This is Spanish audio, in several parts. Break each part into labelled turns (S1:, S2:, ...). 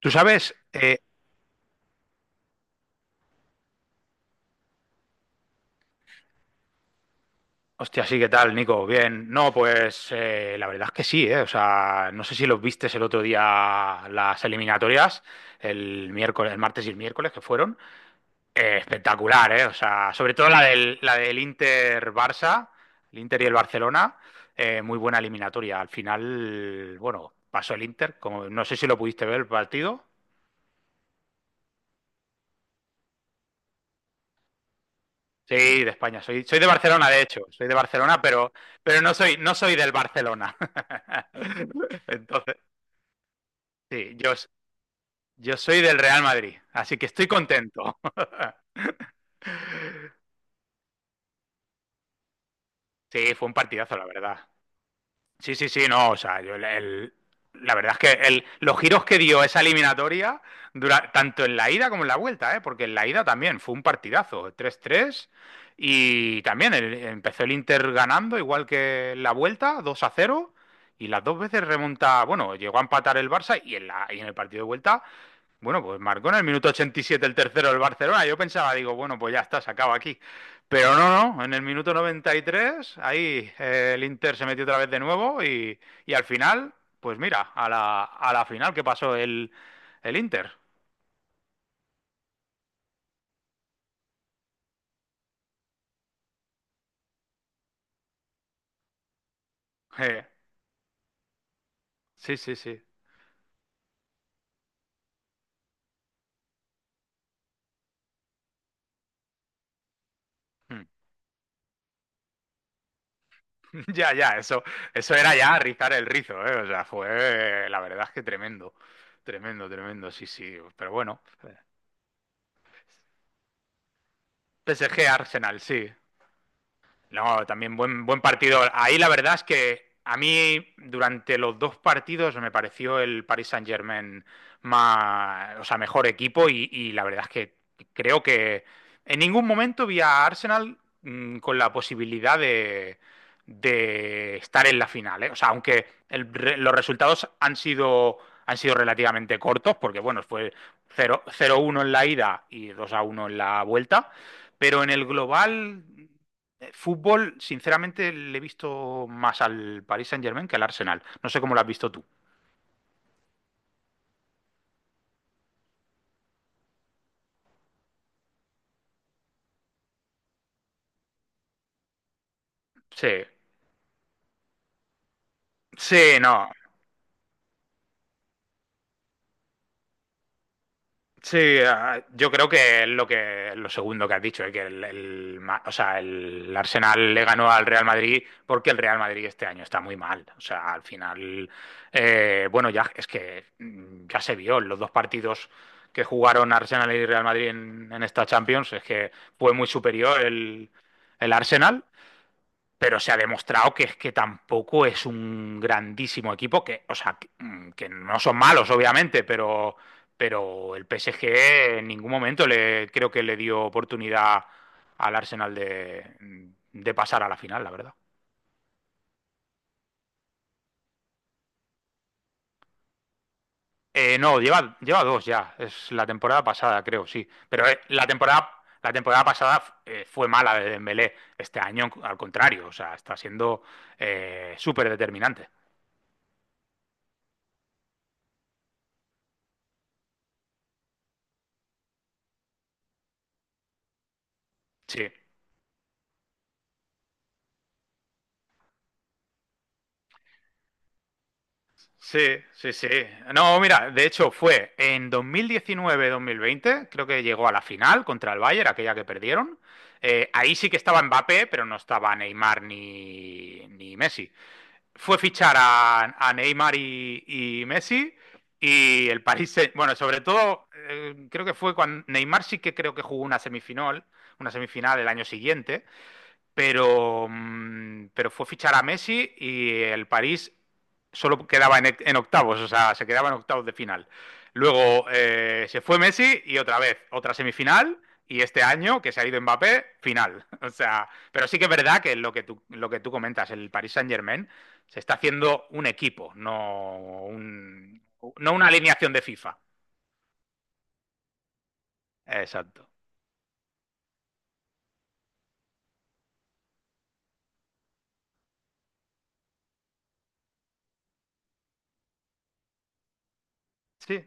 S1: Tú sabes, hostia, sí, ¿qué tal, Nico? Bien, no, pues la verdad es que sí, ¿eh? O sea, no sé si los vistes el otro día las eliminatorias, el miércoles, el martes y el miércoles que fueron. Espectacular, ¿eh? O sea, sobre todo la del Inter-Barça, el Inter y el Barcelona, muy buena eliminatoria. Al final, bueno, pasó el Inter, como, no sé si lo pudiste ver el partido. Sí, de España. Soy de Barcelona, de hecho. Soy de Barcelona, pero no soy del Barcelona. Entonces, sí, yo soy del Real Madrid, así que estoy contento. Sí, fue un partidazo, la verdad. Sí, sí, sí, no, o sea, la verdad es que los giros que dio esa eliminatoria, tanto en la ida como en la vuelta, ¿eh? Porque en la ida también fue un partidazo, 3-3 y también empezó el Inter ganando, igual que en la vuelta, 2-0 y las dos veces remonta, bueno, llegó a empatar el Barça, y en el partido de vuelta bueno, pues marcó en el minuto 87 el tercero del Barcelona. Yo pensaba, digo, bueno, pues ya está, se acaba aquí. Pero no, no, en el minuto 93, ahí el Inter se metió otra vez de nuevo y al final, pues mira, a la final que pasó el Inter. Eh, sí, sí, sí. Mm. Ya, ya, eso era ya rizar el rizo, ¿eh? O sea, fue, la verdad es que tremendo, tremendo, tremendo, sí, sí. Pero bueno, PSG Arsenal, sí. No, también buen partido. Ahí la verdad es que a mí durante los dos partidos me pareció el Paris Saint-Germain más, o sea, mejor equipo y la verdad es que creo que en ningún momento vi a Arsenal con la posibilidad de estar en la final, ¿eh? O sea, aunque los resultados han sido, relativamente cortos, porque bueno, fue cero cero uno en la ida y 2-1 en la vuelta, pero en el global fútbol, sinceramente, le he visto más al Paris Saint-Germain que al Arsenal. No sé cómo lo has visto tú. Sí, sí, no. Sí, ah, yo creo que es lo que lo segundo que has dicho, que o sea, el Arsenal le ganó al Real Madrid porque el Real Madrid este año está muy mal. O sea, al final, bueno, ya es que ya se vio en los dos partidos que jugaron Arsenal y Real Madrid en esta Champions, es que fue muy superior el Arsenal pero se ha demostrado que es que tampoco es un grandísimo equipo, que, o sea, que, que no son malos, obviamente, pero el PSG en ningún momento creo que le dio oportunidad al Arsenal de pasar a la final, la verdad. No, lleva dos ya. Es la temporada pasada, creo, sí. Pero la temporada, pasada fue mala de Dembélé. Este año, al contrario, o sea, está siendo súper determinante. Sí. Sí, sí, sí. No, mira, de hecho fue en 2019-2020, creo que llegó a la final contra el Bayern, aquella que perdieron. Ahí sí que estaba Mbappé, pero no estaba Neymar ni Messi. Fue fichar a Neymar y Messi y el bueno, sobre todo creo que fue cuando Neymar sí que creo que jugó una semifinal, el año siguiente pero fue fichar a Messi y el París solo quedaba en octavos, o sea, se quedaba en octavos de final. Luego se fue Messi y otra vez, otra semifinal. Y este año, que se ha ido Mbappé, final. O sea, pero sí que es verdad que lo que tú comentas, el Paris Saint-Germain se está haciendo un equipo, no, no una alineación de FIFA. Exacto. Sí.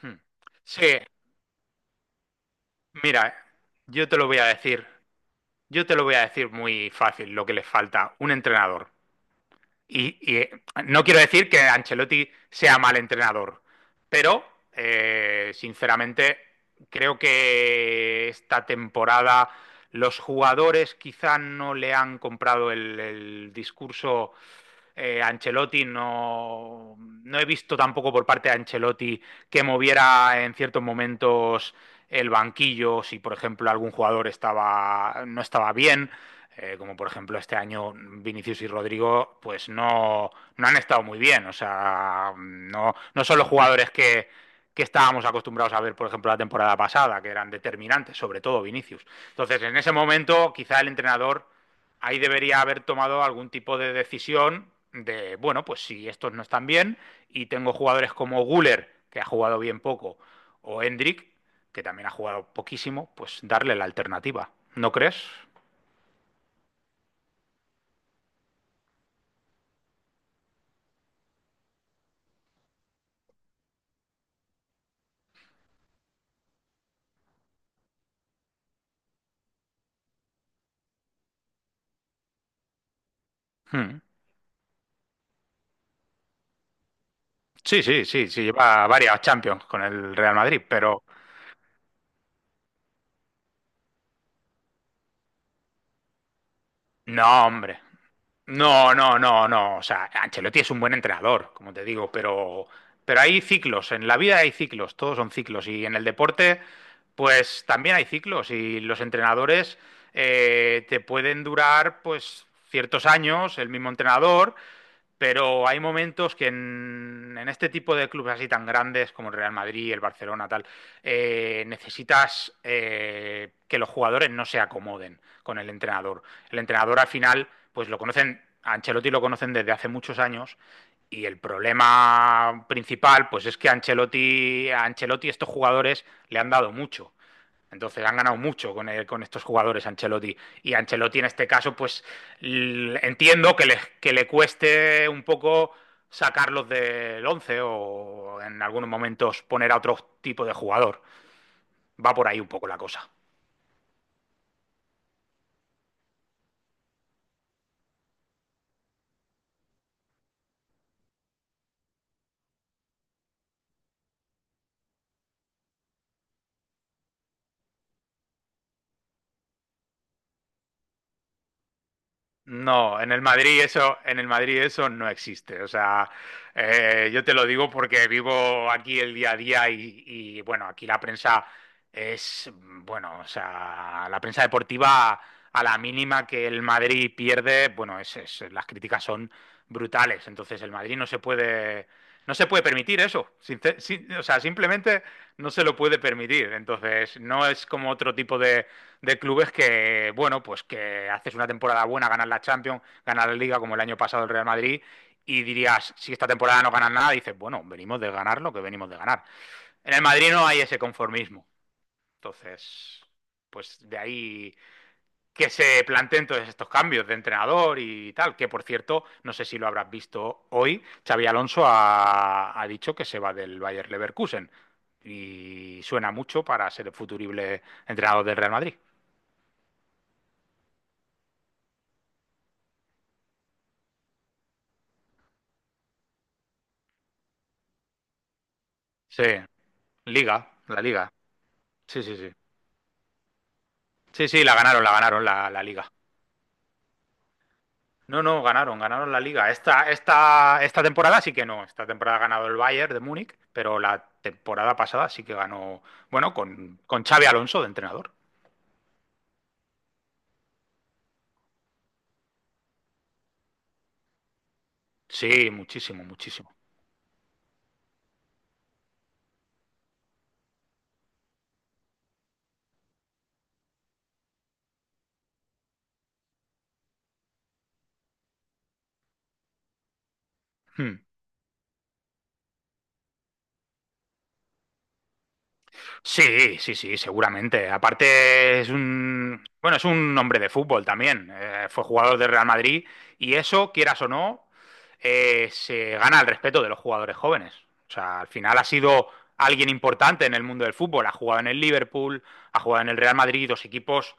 S1: Hmm. Sí, mira, yo te lo voy a decir. Yo te lo voy a decir muy fácil, lo que les falta, un entrenador. Y no quiero decir que Ancelotti sea mal entrenador, pero sinceramente creo que esta temporada los jugadores quizá no le han comprado el discurso Ancelotti, no, no he visto tampoco por parte de Ancelotti que moviera en ciertos momentos el banquillo, si por ejemplo algún jugador no estaba bien como por ejemplo este año Vinicius y Rodrigo, pues no, no han estado muy bien. O sea, no, no son los jugadores que estábamos acostumbrados a ver, por ejemplo, la temporada pasada, que eran determinantes, sobre todo Vinicius. Entonces, en ese momento, quizá el entrenador ahí debería haber tomado algún tipo de decisión de, bueno, pues si estos no están bien y tengo jugadores como Guller, que ha jugado bien poco, o Endrick que también ha jugado poquísimo, pues darle la alternativa. ¿No crees? Hmm. Sí, sí, sí, sí, lleva varias Champions con el Real Madrid, pero no, hombre. No, no, no, no. O sea, Ancelotti es un buen entrenador, como te digo, pero hay ciclos. En la vida hay ciclos, todos son ciclos. Y en el deporte, pues también hay ciclos. Y los entrenadores te pueden durar, pues, ciertos años, el mismo entrenador, pero hay momentos que este tipo de clubes así tan grandes como el Real Madrid, el Barcelona, tal, necesitas que los jugadores no se acomoden con el entrenador. El entrenador al final, pues lo conocen, a Ancelotti lo conocen desde hace muchos años y el problema principal, pues es que a Ancelotti estos jugadores le han dado mucho. Entonces han ganado mucho con estos jugadores Ancelotti. Y Ancelotti en este caso, pues entiendo que le cueste un poco sacarlos del 11 o en algunos momentos poner a otro tipo de jugador. Va por ahí un poco la cosa. No, en el Madrid eso no existe. O sea, yo te lo digo porque vivo aquí el día a día y, bueno, aquí la prensa bueno, o sea, la prensa deportiva a la mínima que el Madrid pierde, bueno, las críticas son brutales. Entonces el Madrid no se puede permitir eso. O sea, simplemente no se lo puede permitir. Entonces no es como otro tipo de clubes que, bueno, pues que haces una temporada buena, ganas la Champions, ganas la Liga como el año pasado el Real Madrid y dirías, si esta temporada no ganas nada, dices, bueno, venimos de ganar lo que venimos de ganar. En el Madrid no hay ese conformismo. Entonces, pues de ahí que se planteen todos estos cambios de entrenador y tal, que por cierto, no sé si lo habrás visto hoy, Xavi Alonso ha dicho que se va del Bayer Leverkusen y suena mucho para ser el futurible entrenador del Real Madrid. Sí, Liga, la Liga. Sí, sí, sí. Sí, sí, la ganaron la Liga. No, no, ganaron la Liga. Esta temporada sí que no. Esta temporada ha ganado el Bayern de Múnich, pero la temporada pasada sí que ganó, bueno, con Xavi Alonso de entrenador. Sí, muchísimo, muchísimo. Hmm. Sí, sí, sí, seguramente. Aparte es un hombre de fútbol también. Fue jugador del Real Madrid y eso, quieras o no, se gana el respeto de los jugadores jóvenes. O sea, al final ha sido alguien importante en el mundo del fútbol. Ha jugado en el Liverpool, ha jugado en el Real Madrid, dos equipos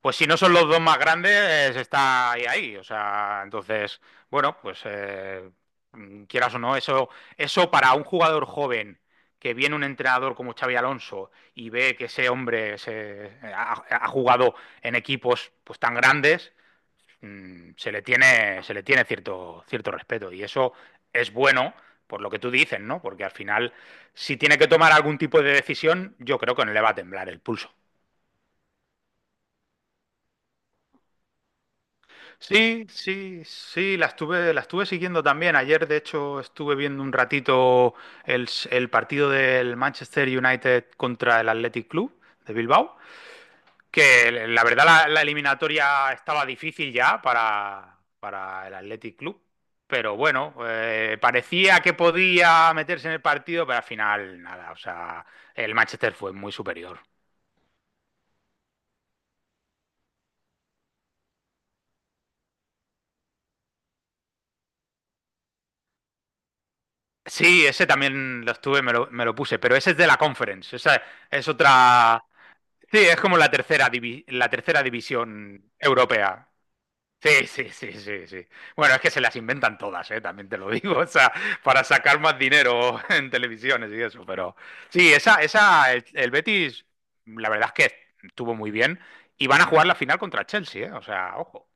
S1: pues si no son los dos más grandes, está ahí, ahí. O sea, entonces, bueno, pues quieras o no, eso para un jugador joven que viene un entrenador como Xavi Alonso y ve que ese hombre ha jugado en equipos pues tan grandes, se le tiene cierto, cierto respeto. Y eso es bueno por lo que tú dices, ¿no? Porque al final, si tiene que tomar algún tipo de decisión, yo creo que no le va a temblar el pulso. Sí, sí, sí, la estuve siguiendo también. Ayer, de hecho, estuve viendo un ratito el partido del Manchester United contra el Athletic Club de Bilbao, que la verdad la eliminatoria estaba difícil ya para el Athletic Club, pero bueno, parecía que podía meterse en el partido, pero al final nada, o sea, el Manchester fue muy superior. Sí, ese también lo estuve, me lo puse, pero ese es de la Conference, esa es otra. Sí, es como la tercera división europea. Sí, sí, sí, sí, sí. Bueno, es que se las inventan todas, ¿eh? También te lo digo, o sea, para sacar más dinero en televisiones y eso, pero sí, el Betis, la verdad es que estuvo muy bien y van a jugar la final contra el Chelsea, ¿eh? O sea, ojo.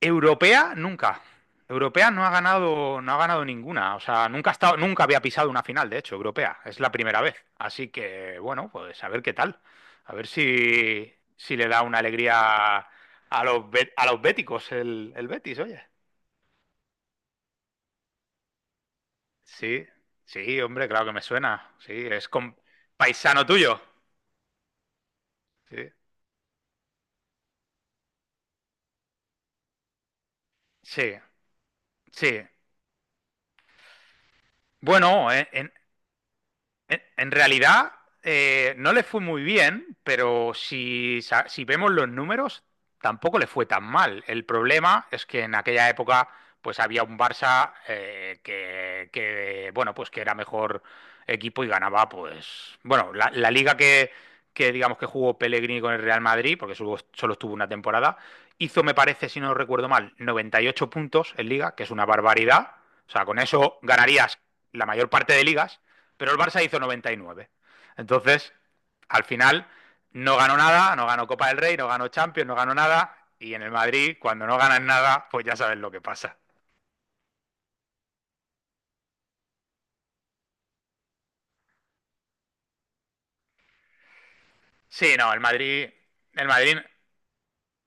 S1: Europea, nunca. Europea no ha ganado ninguna. O sea, nunca ha estado, nunca había pisado una final, de hecho, europea. Es la primera vez. Así que, bueno, pues a ver qué tal. A ver si le da una alegría a a los béticos el Betis, oye. Sí, sí, hombre, claro que me suena. Sí, es con paisano tuyo. Sí, sí, sí. Bueno, en realidad, no le fue muy bien, pero si vemos los números, tampoco le fue tan mal. El problema es que en aquella época, pues había un Barça que, bueno, pues que era mejor equipo y ganaba, pues, bueno, la liga que, digamos que jugó Pellegrini con el Real Madrid, porque solo estuvo una temporada, hizo, me parece, si no recuerdo mal, 98 puntos en liga, que es una barbaridad. O sea, con eso ganarías la mayor parte de ligas pero el Barça hizo 99. Entonces, al final, no ganó nada, no ganó Copa del Rey, no ganó Champions, no ganó nada. Y en el Madrid, cuando no ganan nada, pues ya sabes lo que pasa. Sí, no, el Madrid,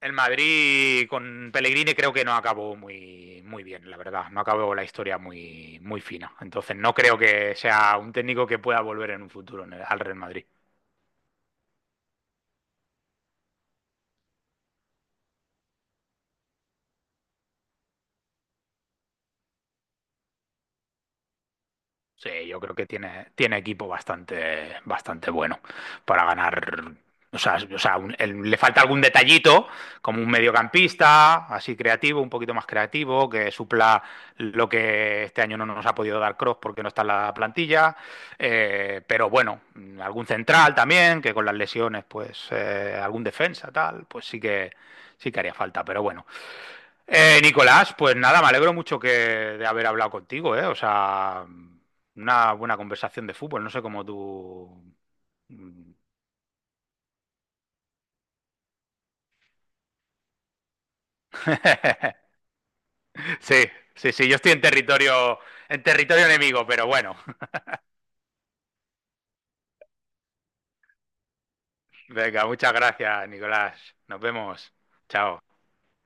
S1: el Madrid con Pellegrini creo que no acabó muy, muy bien, la verdad. No acabó la historia muy, muy fina. Entonces, no creo que sea un técnico que pueda volver en un futuro al Real Madrid. Sí, yo creo que tiene equipo bastante, bastante bueno para ganar. O sea, le falta algún detallito, como un mediocampista, así creativo, un poquito más creativo, que supla lo que este año no nos ha podido dar Kroos porque no está en la plantilla. Pero bueno, algún central también, que con las lesiones, pues algún defensa, tal, pues sí que haría falta. Pero bueno, Nicolás, pues nada, me alegro mucho que de haber hablado contigo, ¿eh? O sea, una buena conversación de fútbol, no sé cómo tú. Mm. Sí, sí, sí, yo estoy en territorio enemigo, pero bueno. Venga, muchas gracias, Nicolás. Nos vemos. Chao.